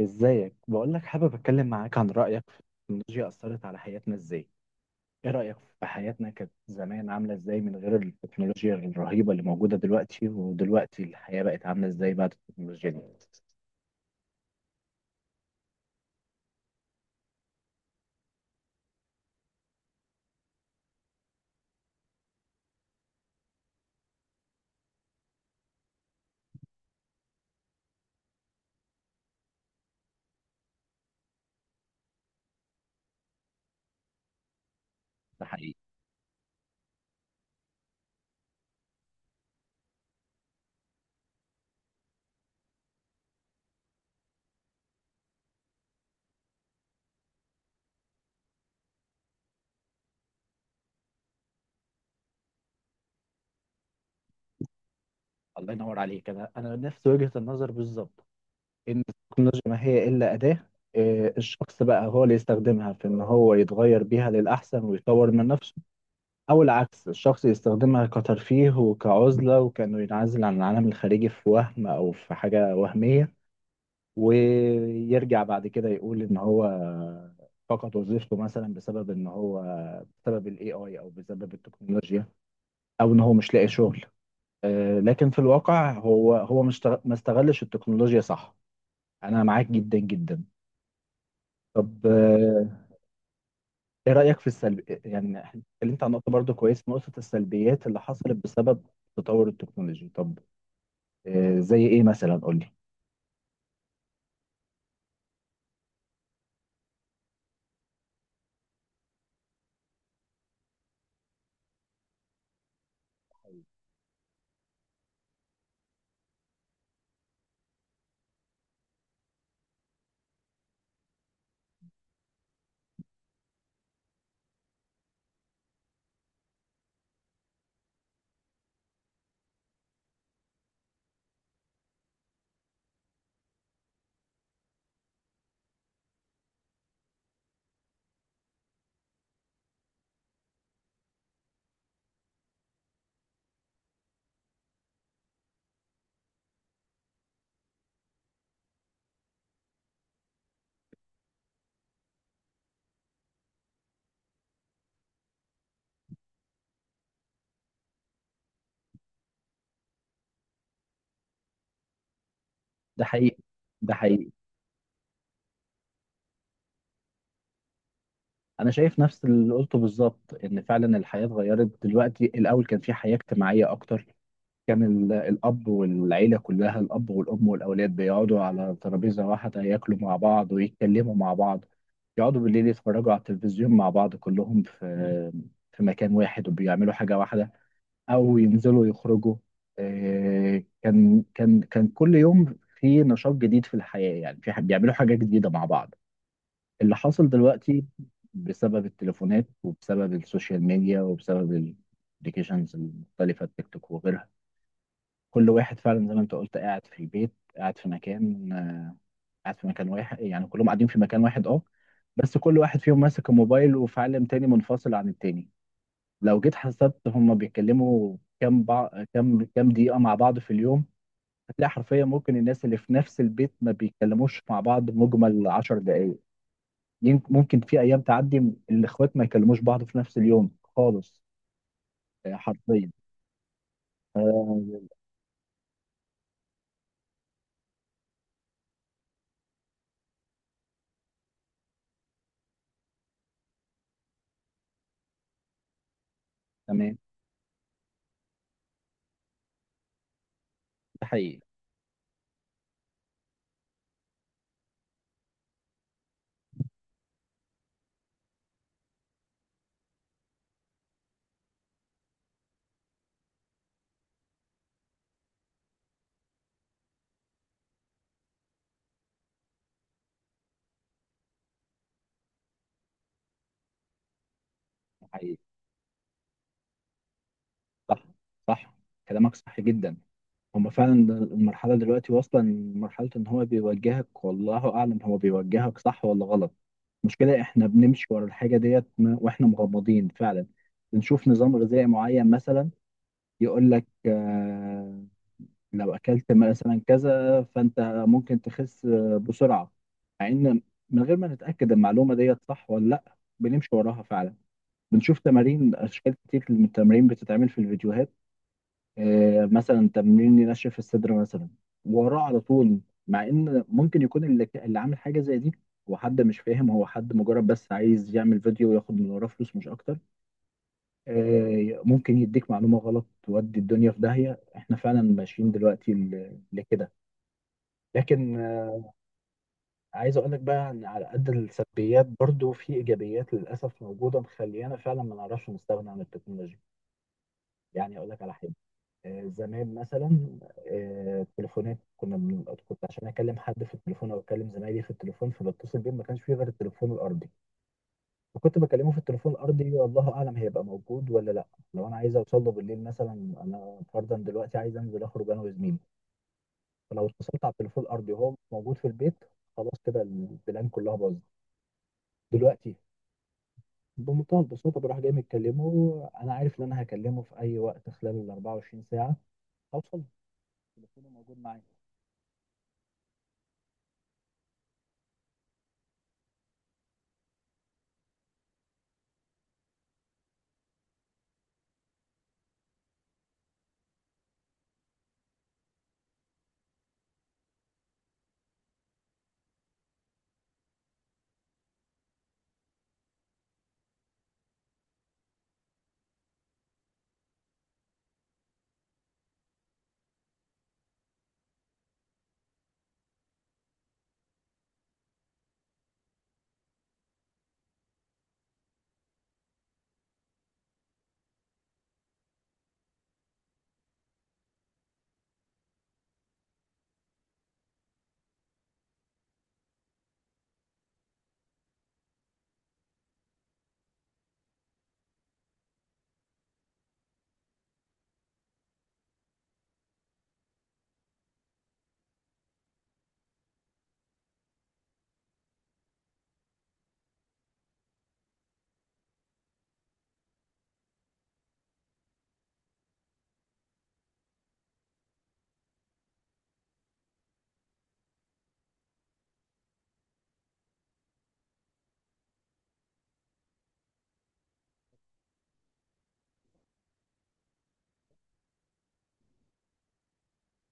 ازيك؟ بقول لك حابب اتكلم معاك عن رايك في التكنولوجيا، اثرت على حياتنا ازاي؟ ايه رايك؟ في حياتنا كانت زمان عامله ازاي من غير التكنولوجيا الرهيبه اللي موجوده دلوقتي، ودلوقتي الحياه بقت عامله ازاي بعد التكنولوجيا دي؟ ده حقيقي. الله ينور عليك. انا نفس وجهه النظر بالظبط. ان التكنولوجيا ما هي الا اداه. الشخص بقى هو اللي يستخدمها في ان هو يتغير بيها للاحسن ويطور من نفسه. أو العكس، الشخص يستخدمها كترفيه وكعزلة وكأنه ينعزل عن العالم الخارجي في وهم أو في حاجة وهمية. ويرجع بعد كده يقول إن هو فقد وظيفته مثلا، بسبب إن هو، بسبب ال AI أو بسبب التكنولوجيا، أو إن هو مش لاقي شغل. لكن في الواقع هو مش تغ- ما استغلش التكنولوجيا صح. أنا معاك جدا جدا. طب، ايه رأيك في السلب، إيه؟ يعني إحنا اتكلمت عن نقطة، برضو كويس، نقطة السلبيات اللي حصلت بسبب تطور التكنولوجي. طب، زي ايه مثلا؟ قول لي. ده حقيقي. ده حقيقي. انا شايف نفس اللي قلته بالظبط، ان فعلا الحياة اتغيرت دلوقتي. الاول كان في حياة اجتماعية اكتر. كان الاب والعيلة كلها، الاب والام والاولاد بيقعدوا على ترابيزة واحدة، ياكلوا مع بعض ويتكلموا مع بعض. يقعدوا بالليل يتفرجوا على التلفزيون مع بعض، كلهم في مكان واحد وبيعملوا حاجة واحدة، او ينزلوا يخرجوا. كان كل يوم في نشاط جديد في الحياة، يعني بيعملوا حاجة جديدة مع بعض. اللي حصل دلوقتي بسبب التليفونات وبسبب السوشيال ميديا وبسبب الابلكيشنز المختلفة، التيك توك وغيرها، كل واحد فعلا زي ما انت قلت، قاعد في البيت، قاعد في مكان، قاعد في مكان واحد، يعني كلهم قاعدين في مكان واحد بس كل واحد فيهم ماسك الموبايل وفي عالم تاني منفصل عن التاني. لو جيت حسبت هما بيتكلموا كام بع... كام كام دقيقة مع بعض في اليوم، هتلاقي حرفيا ممكن الناس اللي في نفس البيت ما بيتكلموش مع بعض مجمل 10 دقايق. ممكن في أيام تعدي الإخوات ما يكلموش بعض في نفس اليوم خالص. حرفيا. تمام. ده حقيقي. ده حقيقي. صح، صح، كلامك صح جدا. هما فعلا المرحلة دلوقتي واصلة لمرحلة إن هو بيوجهك، والله أعلم هو بيوجهك صح ولا غلط. المشكلة إحنا بنمشي ورا الحاجة ديت وإحنا مغمضين فعلا. بنشوف نظام غذائي معين مثلا، يقول لك لو أكلت مثلا كذا فأنت ممكن تخس بسرعة. مع إن، من غير ما نتأكد المعلومة ديت صح ولا لأ، بنمشي وراها فعلا. بنشوف تمارين، أشكال كتير من التمارين بتتعمل في الفيديوهات. مثلا تمرين ينشف الصدر مثلا، وراه على طول. مع ان ممكن يكون اللي عامل حاجه زي دي هو حد مش فاهم، هو حد مجرد بس عايز يعمل فيديو وياخد من وراه فلوس مش اكتر. ممكن يديك معلومه غلط تودي الدنيا في داهيه. احنا فعلا ماشيين دلوقتي لكده. لكن، عايز اقول لك بقى ان على قد السلبيات برضو في ايجابيات للاسف موجوده، مخليانا فعلا ما نعرفش نستغنى عن التكنولوجيا. يعني اقول لك على حاجه. زمان مثلا، التليفونات كنت عشان اكلم حد في التليفون او اكلم زمايلي في التليفون، فبتصل بيهم، ما كانش فيه غير التليفون الارضي. فكنت بكلمه في التليفون الارضي، والله اعلم هيبقى موجود ولا لا. لو انا عايز اوصل له بالليل مثلا، انا فرضا دلوقتي عايز انزل اخرج انا وزميلي، فلو اتصلت على التليفون الارضي وهو مش موجود في البيت، خلاص كده البلان كلها باظت. دلوقتي بمنتهى البساطه بروح جاي متكلمه، انا عارف ان انا هكلمه في اي وقت خلال ال 24 ساعه، هوصل له. تليفونه موجود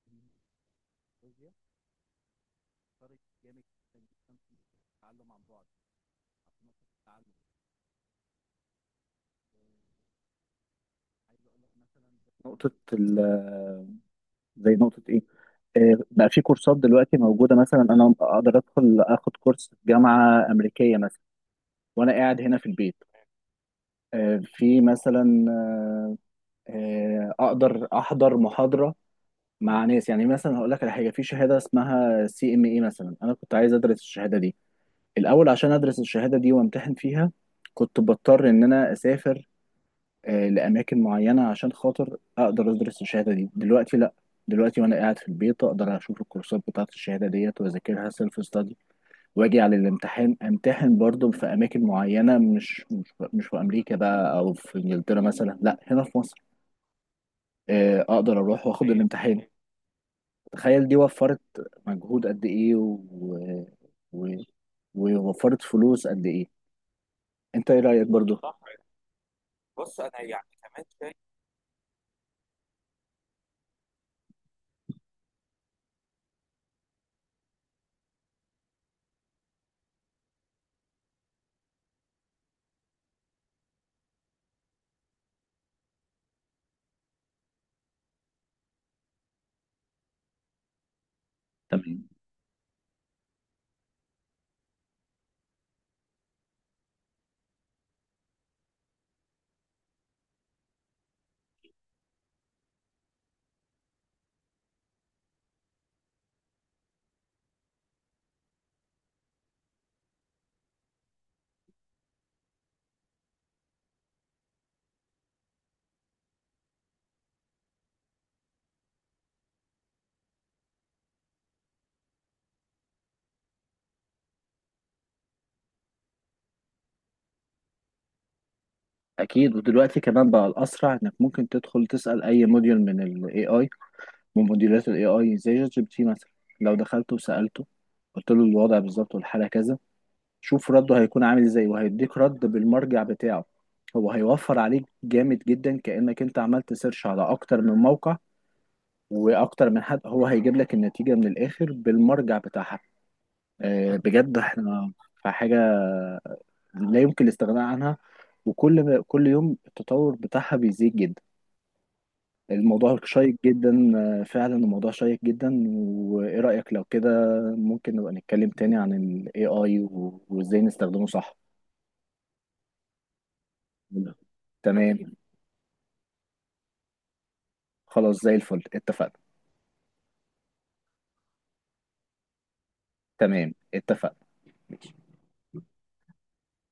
معايا. فرق جامد جدا جدا في التعلم عن بعد، في نقطة التعلم. آه، عايز أقول لك مثلا، نقطة ال- زي نقطة إيه؟ بقى في كورسات دلوقتي موجودة، مثلا أنا أقدر أدخل آخد كورس في جامعة أمريكية مثلا وأنا قاعد هنا في البيت. في مثلا، أقدر أحضر محاضرة مع ناس، يعني مثلا هقول لك على حاجة، في شهادة اسمها CME مثلا. أنا كنت عايز أدرس الشهادة دي الأول، عشان أدرس الشهادة دي وأمتحن فيها كنت بضطر إن أنا أسافر لأماكن معينة، عشان خاطر أقدر أدرس الشهادة دي. دلوقتي لأ، دلوقتي وأنا قاعد في البيت أقدر أشوف الكورسات بتاعة الشهادة ديت وأذاكرها سيلف ستادي، وأجي على الامتحان أمتحن برضه في أماكن معينة، مش في أمريكا بقى أو في إنجلترا مثلا، لأ، هنا في مصر. أقدر أروح وأخد الامتحان. تخيل دي وفرت مجهود قد إيه، و... ووفرت فلوس قد إيه. أنت إيه رأيك برضه؟ اكيد. ودلوقتي كمان بقى الاسرع انك ممكن تدخل تسال اي موديول من ال AI، من موديولات ال AI زي ChatGPT مثلا. لو دخلت وسالته قلت له الوضع بالظبط والحاله كذا، شوف رده هيكون عامل ازاي، وهيديك رد بالمرجع بتاعه. هو هيوفر عليك جامد جدا كانك انت عملت سيرش على اكتر من موقع واكتر من حد، هو هيجيب لك النتيجه من الاخر بالمرجع بتاعها. بجد احنا في حاجه لا يمكن الاستغناء عنها، وكل يوم التطور بتاعها بيزيد جدا. الموضوع شيق جدا. فعلا الموضوع شيق جدا. وايه رأيك لو كده، ممكن نبقى نتكلم تاني عن ال AI وازاي نستخدمه صح؟ تمام. خلاص زي الفل، اتفقنا. تمام، اتفقنا.